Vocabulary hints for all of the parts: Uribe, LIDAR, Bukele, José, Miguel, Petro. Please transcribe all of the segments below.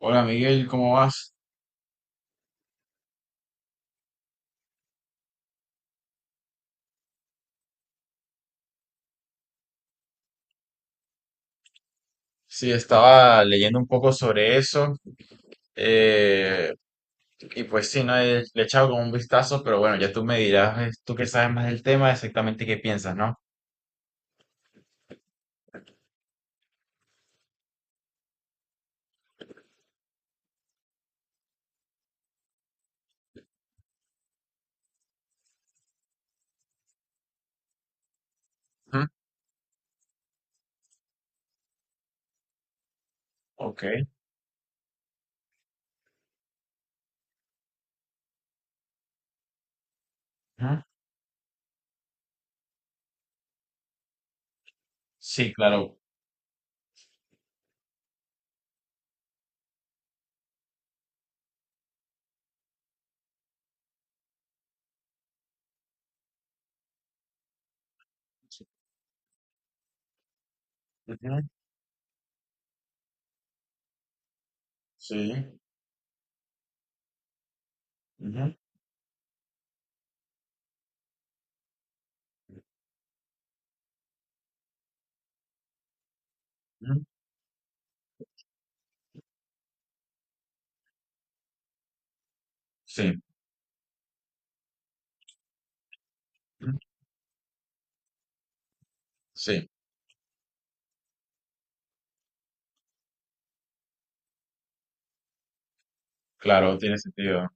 Hola Miguel, ¿cómo vas? Sí, estaba leyendo un poco sobre eso eh, y pues sí, no he- le he echado como un vistazo, pero bueno, ya tú me dirás, tú que sabes más del tema, exactamente qué piensas, ¿no? Ujú. Ok. Ujú. Sí, claro. Ujú. Sí. Ujú. Ujú. Sí. Ujú. Sí, claro, tiene sentido.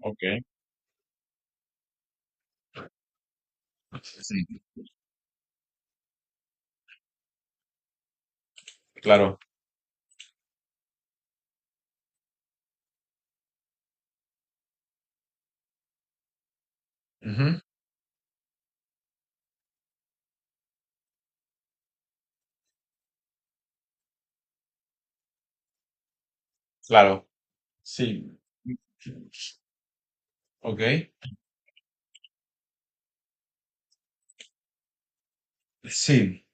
Ok. Sí, claro. Ujú. Claro. Sí. Ok. Sí.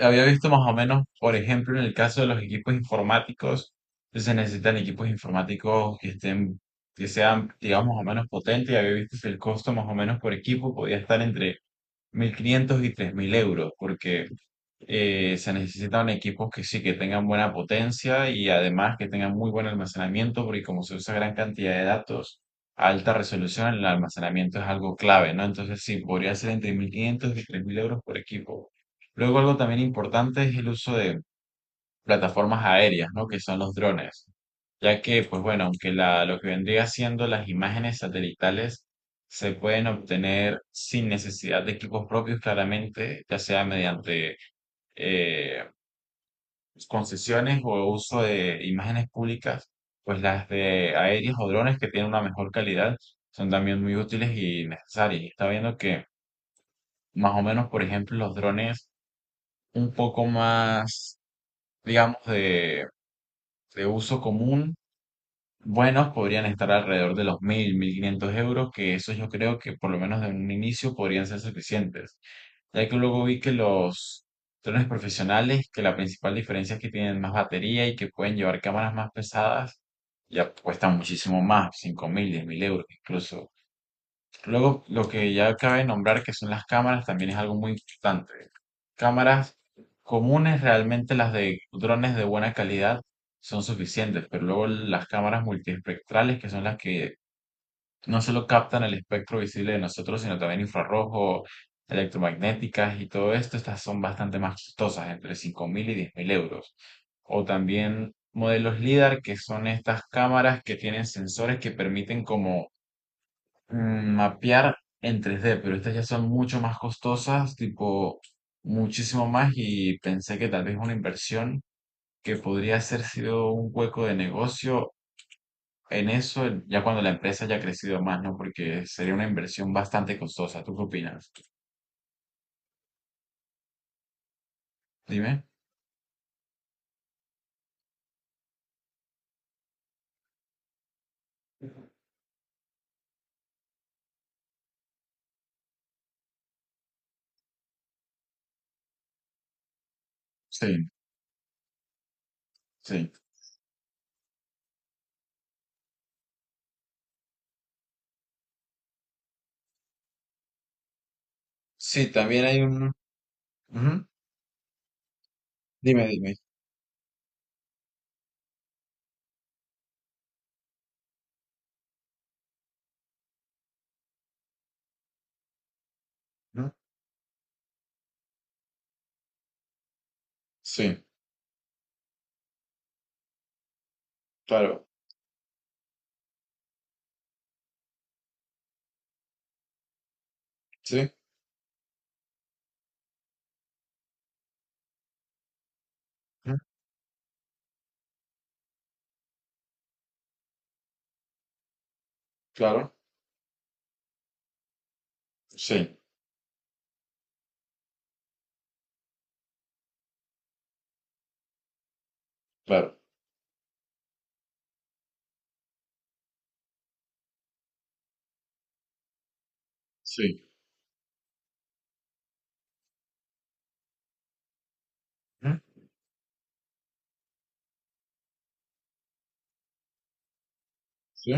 Había visto más o menos, por ejemplo, en el caso de los equipos informáticos, se necesitan equipos informáticos que estén, que sean, digamos, más o menos potentes. Y había visto que el costo más o menos por equipo podía estar entre 1.500 y 3.000 euros, porque se necesitan equipos que sí, que tengan buena potencia y además que tengan muy buen almacenamiento, porque como se usa gran cantidad de datos, a alta resolución, el almacenamiento es algo clave, ¿no? Entonces sí, podría ser entre 1.500 y 3.000 euros por equipo. Luego algo también importante es el uso de plataformas aéreas, ¿no? Que son los drones, ya que, pues bueno, aunque la, lo que vendría siendo las imágenes satelitales se pueden obtener sin necesidad de equipos propios, claramente, ya sea mediante eh, concesiones o uso de imágenes públicas, pues las de aéreas o drones que tienen una mejor calidad son también muy útiles y necesarias. Y está viendo que más o menos, por ejemplo, los drones un poco más, digamos, de uso común, buenos, podrían estar alrededor de los 1.000, 1.500 euros, que eso yo creo que por lo menos de un inicio podrían ser suficientes. Ya que luego vi que los drones profesionales, que la principal diferencia es que tienen más batería y que pueden llevar cámaras más pesadas, ya cuestan muchísimo más, 5.000, 10.000 euros incluso. Luego, lo que ya cabe nombrar que son las cámaras también es algo muy importante. Cámaras comunes, realmente las de drones de buena calidad son suficientes, pero luego las cámaras multiespectrales, que son las que no solo captan el espectro visible de nosotros, sino también infrarrojo, electromagnéticas y todo esto. Estas son bastante más costosas, entre 5.000 y 10.000 euros. O también modelos LIDAR, que son estas cámaras que tienen sensores que permiten como mapear en 3D, pero estas ya son mucho más costosas, tipo muchísimo más, y pensé que tal vez una inversión que podría haber sido un hueco de negocio en eso ya cuando la empresa ya ha crecido más, ¿no? Porque sería una inversión bastante costosa. ¿Tú qué opinas? Dime. Sí, sí. Sí, también hay un... Ujú. Dime, dime. Ujú. Sí, claro. Sí, ujú, claro. Sí, claro. Sí. Ujú. Sí,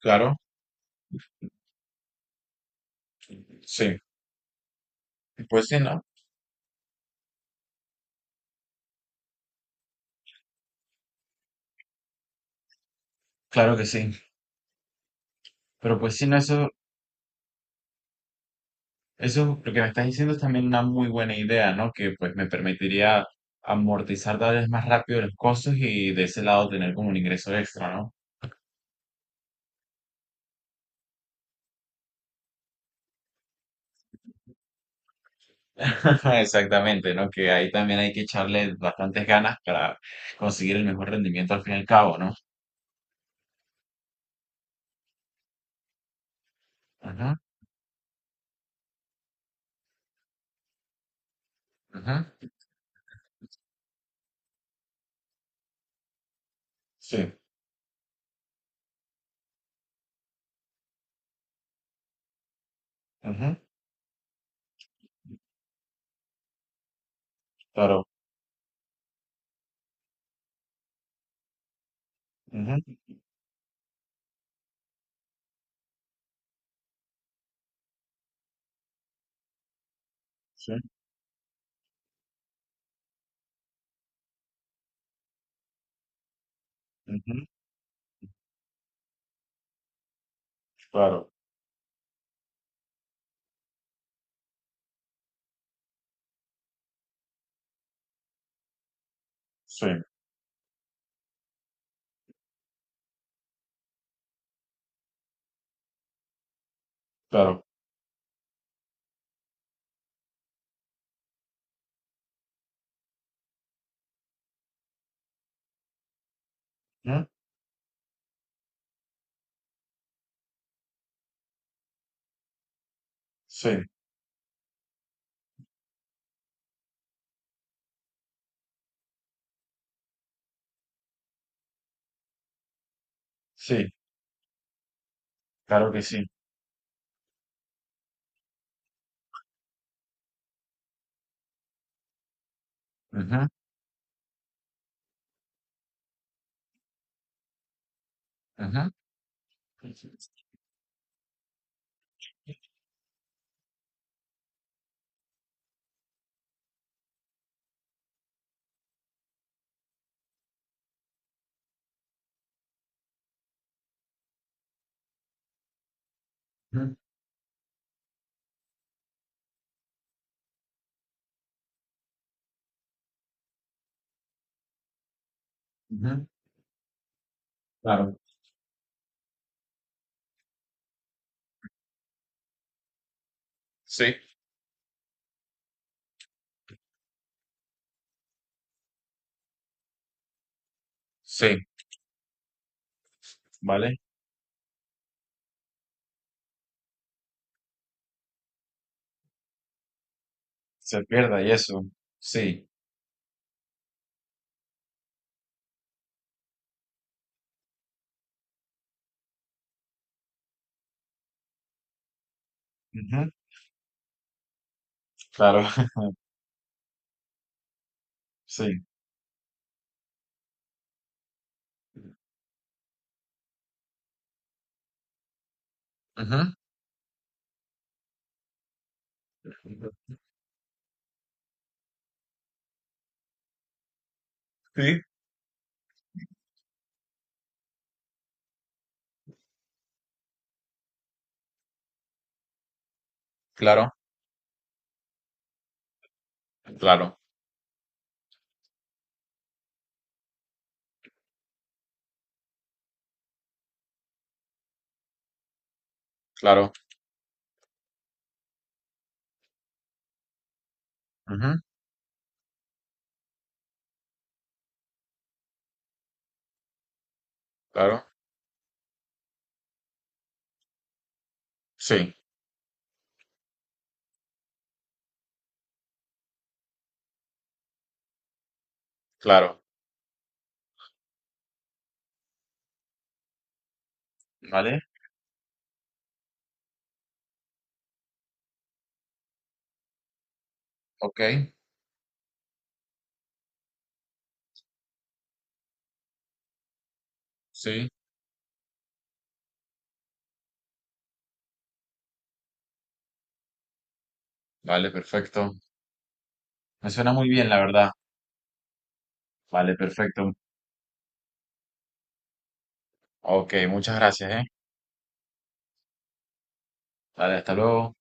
claro. Sí. Pues sí, ¿no? Claro que sí. Pero pues sí, no, eso, lo que me estás diciendo es también una muy buena idea, ¿no? Que pues me permitiría amortizar tal vez más rápido los costos y de ese lado tener como un ingreso extra, ¿no? Exactamente, ¿no? Que ahí también hay que echarle bastantes ganas para conseguir el mejor rendimiento al fin y al cabo, ¿no? Ajá, ajá, sí, ajá, claro, ajá, sí, ajá, claro, sí, claro, ajá, sí, sí, claro que sí, ajá, ajá, ajá, ajá, claro, sí, sí, ¿vale? Se pierda y eso, sí, ajá, claro, sí, ajá, sí, claro, claro, claro, ajá, claro. Sí, claro. Vale, ok. Sí, vale, perfecto. Me suena muy bien, la verdad. Vale, perfecto. Ok, muchas gracias, ¿eh? Vale, hasta luego.